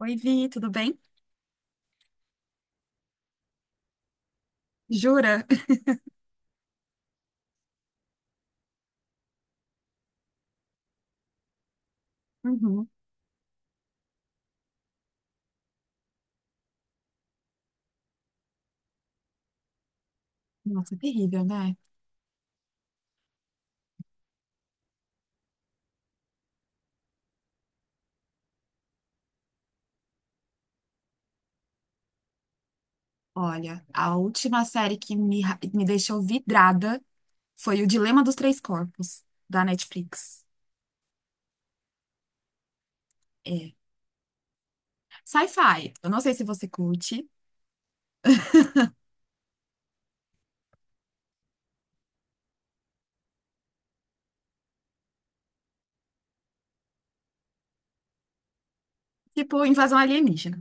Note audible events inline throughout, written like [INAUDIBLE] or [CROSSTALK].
Oi, Vi, tudo bem? Jura? Uhum. Nossa, terrível, né? Olha, a última série que me deixou vidrada foi O Dilema dos Três Corpos, da Netflix. É. Sci-fi. Eu não sei se você curte. [LAUGHS] Tipo, invasão alienígena.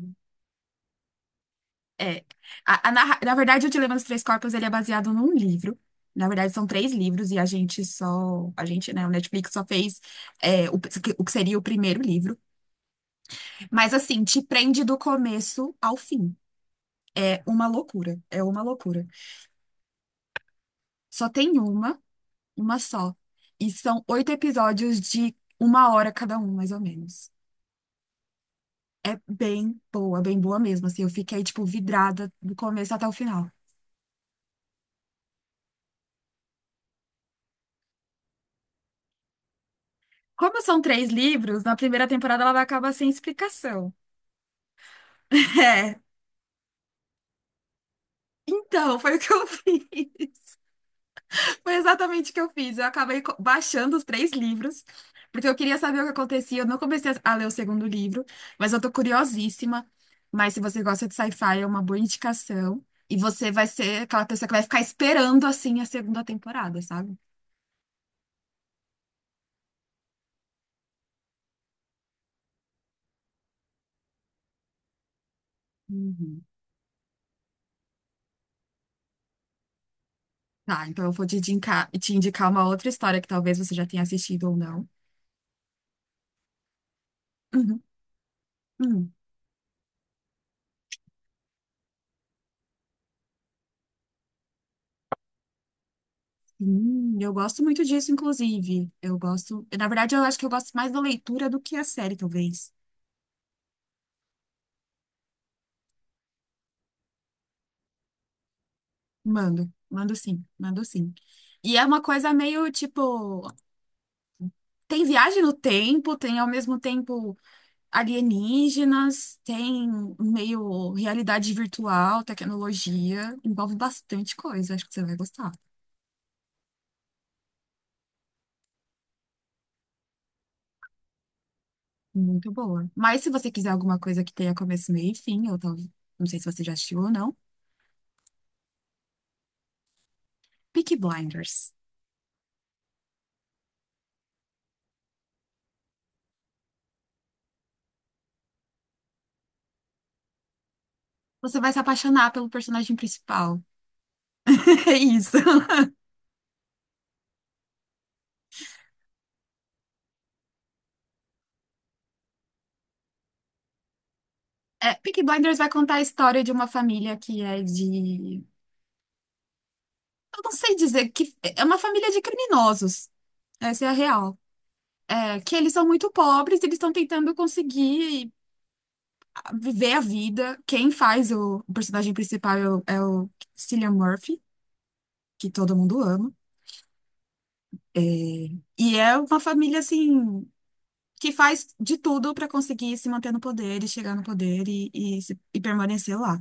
É. Na verdade, o Dilema dos Três Corpos, ele é baseado num livro. Na verdade, são três livros e a gente só... A gente, né? O Netflix só fez é, o, o que seria o primeiro livro. Mas, assim, te prende do começo ao fim. É uma loucura, é uma loucura. Só tem uma só. E são oito episódios de uma hora cada um, mais ou menos. É bem boa mesmo. Assim, eu fiquei, tipo, vidrada do começo até o final. Como são três livros, na primeira temporada ela vai acabar sem explicação. [LAUGHS] É, então, foi o que eu [LAUGHS] fiz. Foi exatamente o que eu fiz. Eu acabei baixando os três livros, porque eu queria saber o que acontecia. Eu não comecei a ler o segundo livro, mas eu tô curiosíssima. Mas se você gosta de sci-fi, é uma boa indicação. E você vai ser aquela pessoa que vai ficar esperando, assim, a segunda temporada, sabe? Uhum. Tá, então eu vou te indicar uma outra história que talvez você já tenha assistido ou não. Uhum, uhum. Eu gosto muito disso, inclusive. Eu gosto. Na verdade, eu acho que eu gosto mais da leitura do que a série, talvez. Mando, mando sim, mando sim. E é uma coisa meio tipo, tem viagem no tempo, tem ao mesmo tempo alienígenas, tem meio realidade virtual, tecnologia, envolve bastante coisa, acho que você vai gostar. Muito boa. Mas se você quiser alguma coisa que tenha começo, meio e fim, ou talvez, não sei se você já assistiu ou não, Peaky Blinders. Você vai se apaixonar pelo personagem principal. [LAUGHS] É isso. É, Peaky Blinders vai contar a história de uma família que é de. Eu não sei dizer que é uma família de criminosos. Essa é a real. É que eles são muito pobres, eles estão tentando conseguir viver a vida. Quem faz o personagem principal é o Cillian Murphy, que todo mundo ama. É, e é uma família assim que faz de tudo para conseguir se manter no poder e chegar no poder e, se- e permanecer lá.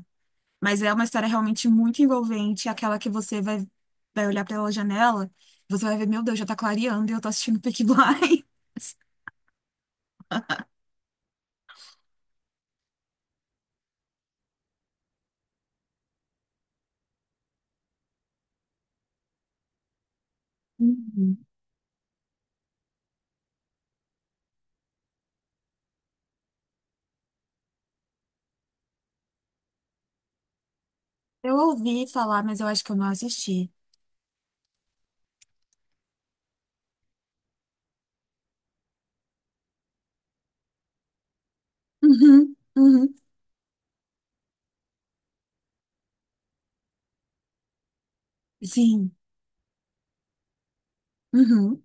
Mas é uma história realmente muito envolvente, aquela que você vai, vai olhar pela janela, você vai ver, meu Deus, já tá clareando e eu tô assistindo Peaky [LAUGHS] Blinders. Uhum. Eu ouvi falar, mas eu acho que eu não assisti. Uhum, uhum, sim, uhum.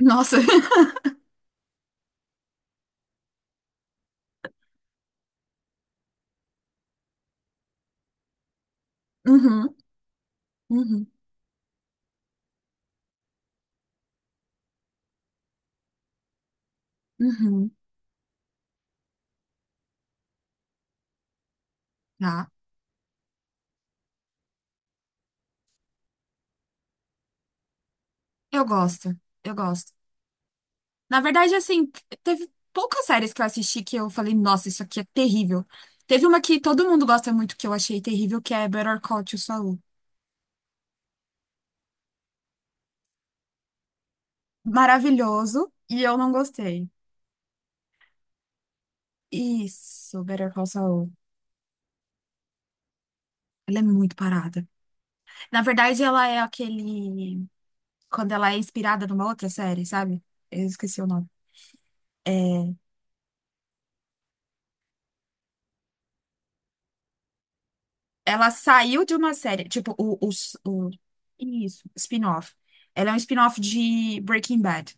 Nossa, [LAUGHS] uhum, uhum, uhum. Tá, eu gosto, eu gosto. Na verdade, assim, teve poucas séries que eu assisti que eu falei, nossa, isso aqui é terrível. Teve uma que todo mundo gosta muito que eu achei terrível, que é Better Call Saul. Maravilhoso e eu não gostei. Isso, Better Call Saul. Ela é muito parada. Na verdade, ela é aquele. Quando ela é inspirada numa outra série, sabe? Eu esqueci o nome. É... Ela saiu de uma série, tipo, o... Isso, spin-off. Ela é um spin-off de Breaking Bad.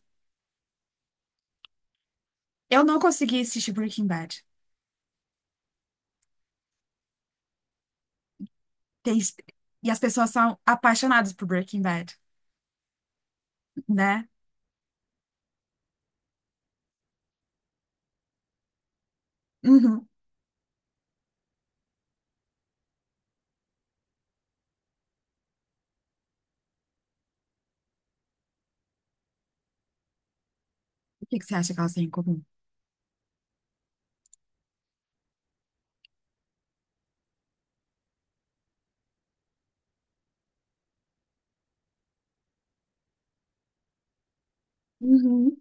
Eu não consegui assistir Breaking Bad. Tem- E as pessoas são apaixonadas por Breaking Bad, né? Uhum. O que que você acha que elas têm em comum? Uhum.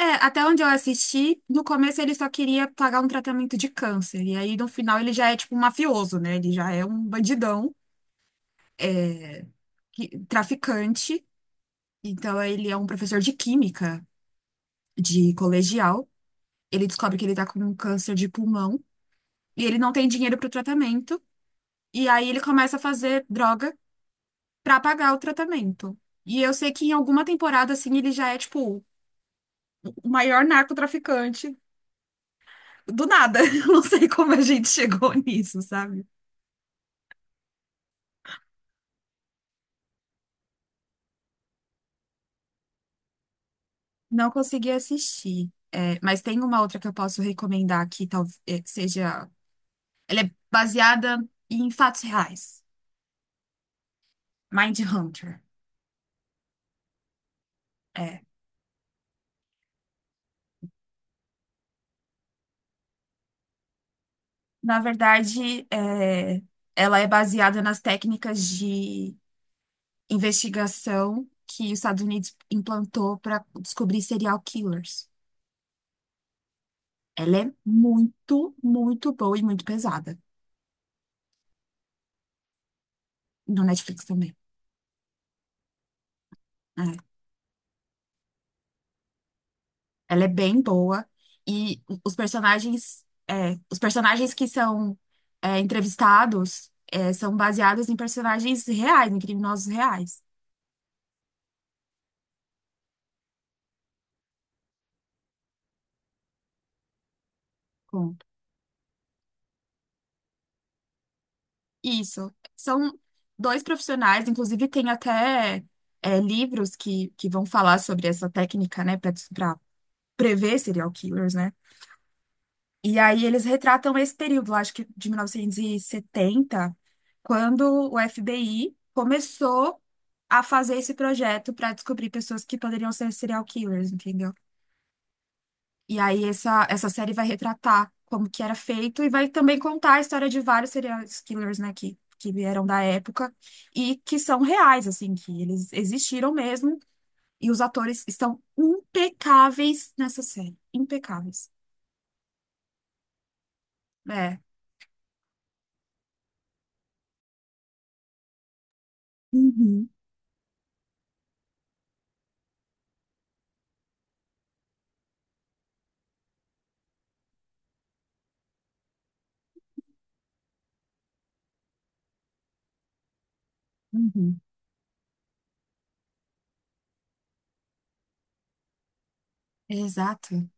É, até onde eu assisti, no começo ele só queria pagar um tratamento de câncer. E aí no final ele já é tipo um mafioso, né? Ele já é um bandidão, é, traficante. Então ele é um professor de química de colegial. Ele descobre que ele tá com um câncer de pulmão e ele não tem dinheiro pro tratamento. E aí ele começa a fazer droga pra pagar o tratamento. E eu sei que em alguma temporada, assim, ele já é, tipo, o maior narcotraficante do nada. [LAUGHS] Eu não sei como a gente chegou nisso, sabe? Não consegui assistir. É, mas tem uma outra que eu posso recomendar que talvez seja. Ela é baseada em fatos reais. Mindhunter. É. Na verdade, ela é baseada nas técnicas de investigação que os Estados Unidos implantou para descobrir serial killers. Ela é muito, muito boa e muito pesada. No Netflix também. É. Ela é bem boa. E os personagens, que são entrevistados, são baseados em personagens reais, em criminosos reais. Conto. Isso. São dois profissionais, inclusive tem até livros que vão falar sobre essa técnica, né, para prever serial killers, né? E aí eles retratam esse período, lá, acho que de 1970 quando o FBI começou a fazer esse projeto para descobrir pessoas que poderiam ser serial killers, entendeu? E aí essa série vai retratar como que era feito e vai também contar a história de vários serial killers, né, que vieram da época e que são reais, assim, que eles existiram mesmo e os atores estão impecáveis nessa série, impecáveis. É. Uhum, uhum. Exato,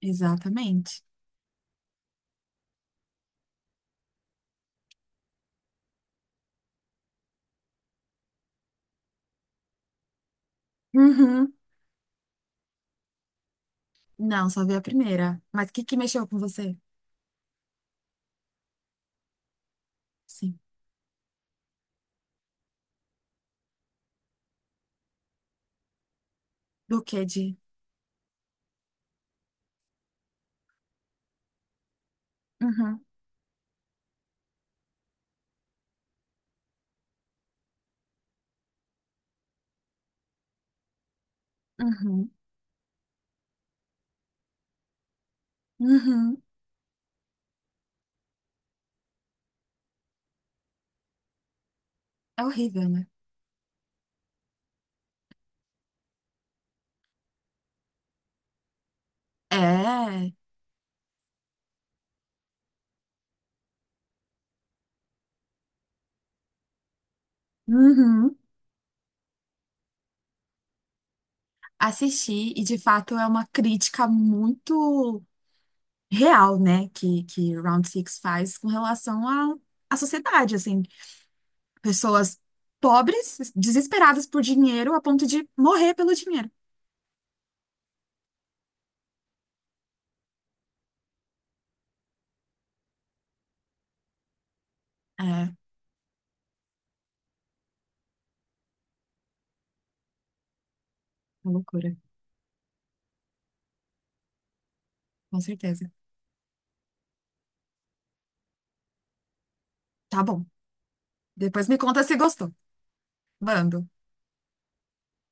exatamente. Uhum. Não, só vi a primeira. Mas o que que mexeu com você? Sim. Do que de. Uhum, uhum, uhum. É horrível, né? É. Uhum. Assisti, e de fato é uma crítica muito real, né? Que Round Six faz com relação à sociedade, assim. Pessoas pobres, desesperadas por dinheiro, a ponto de morrer pelo dinheiro. É, uma loucura, com certeza. Tá bom. Depois me conta se gostou. Mando,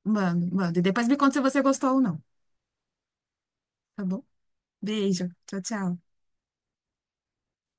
mando, mando. E depois me conta se você gostou ou não. Tá bom? Beijo. Tchau, tchau.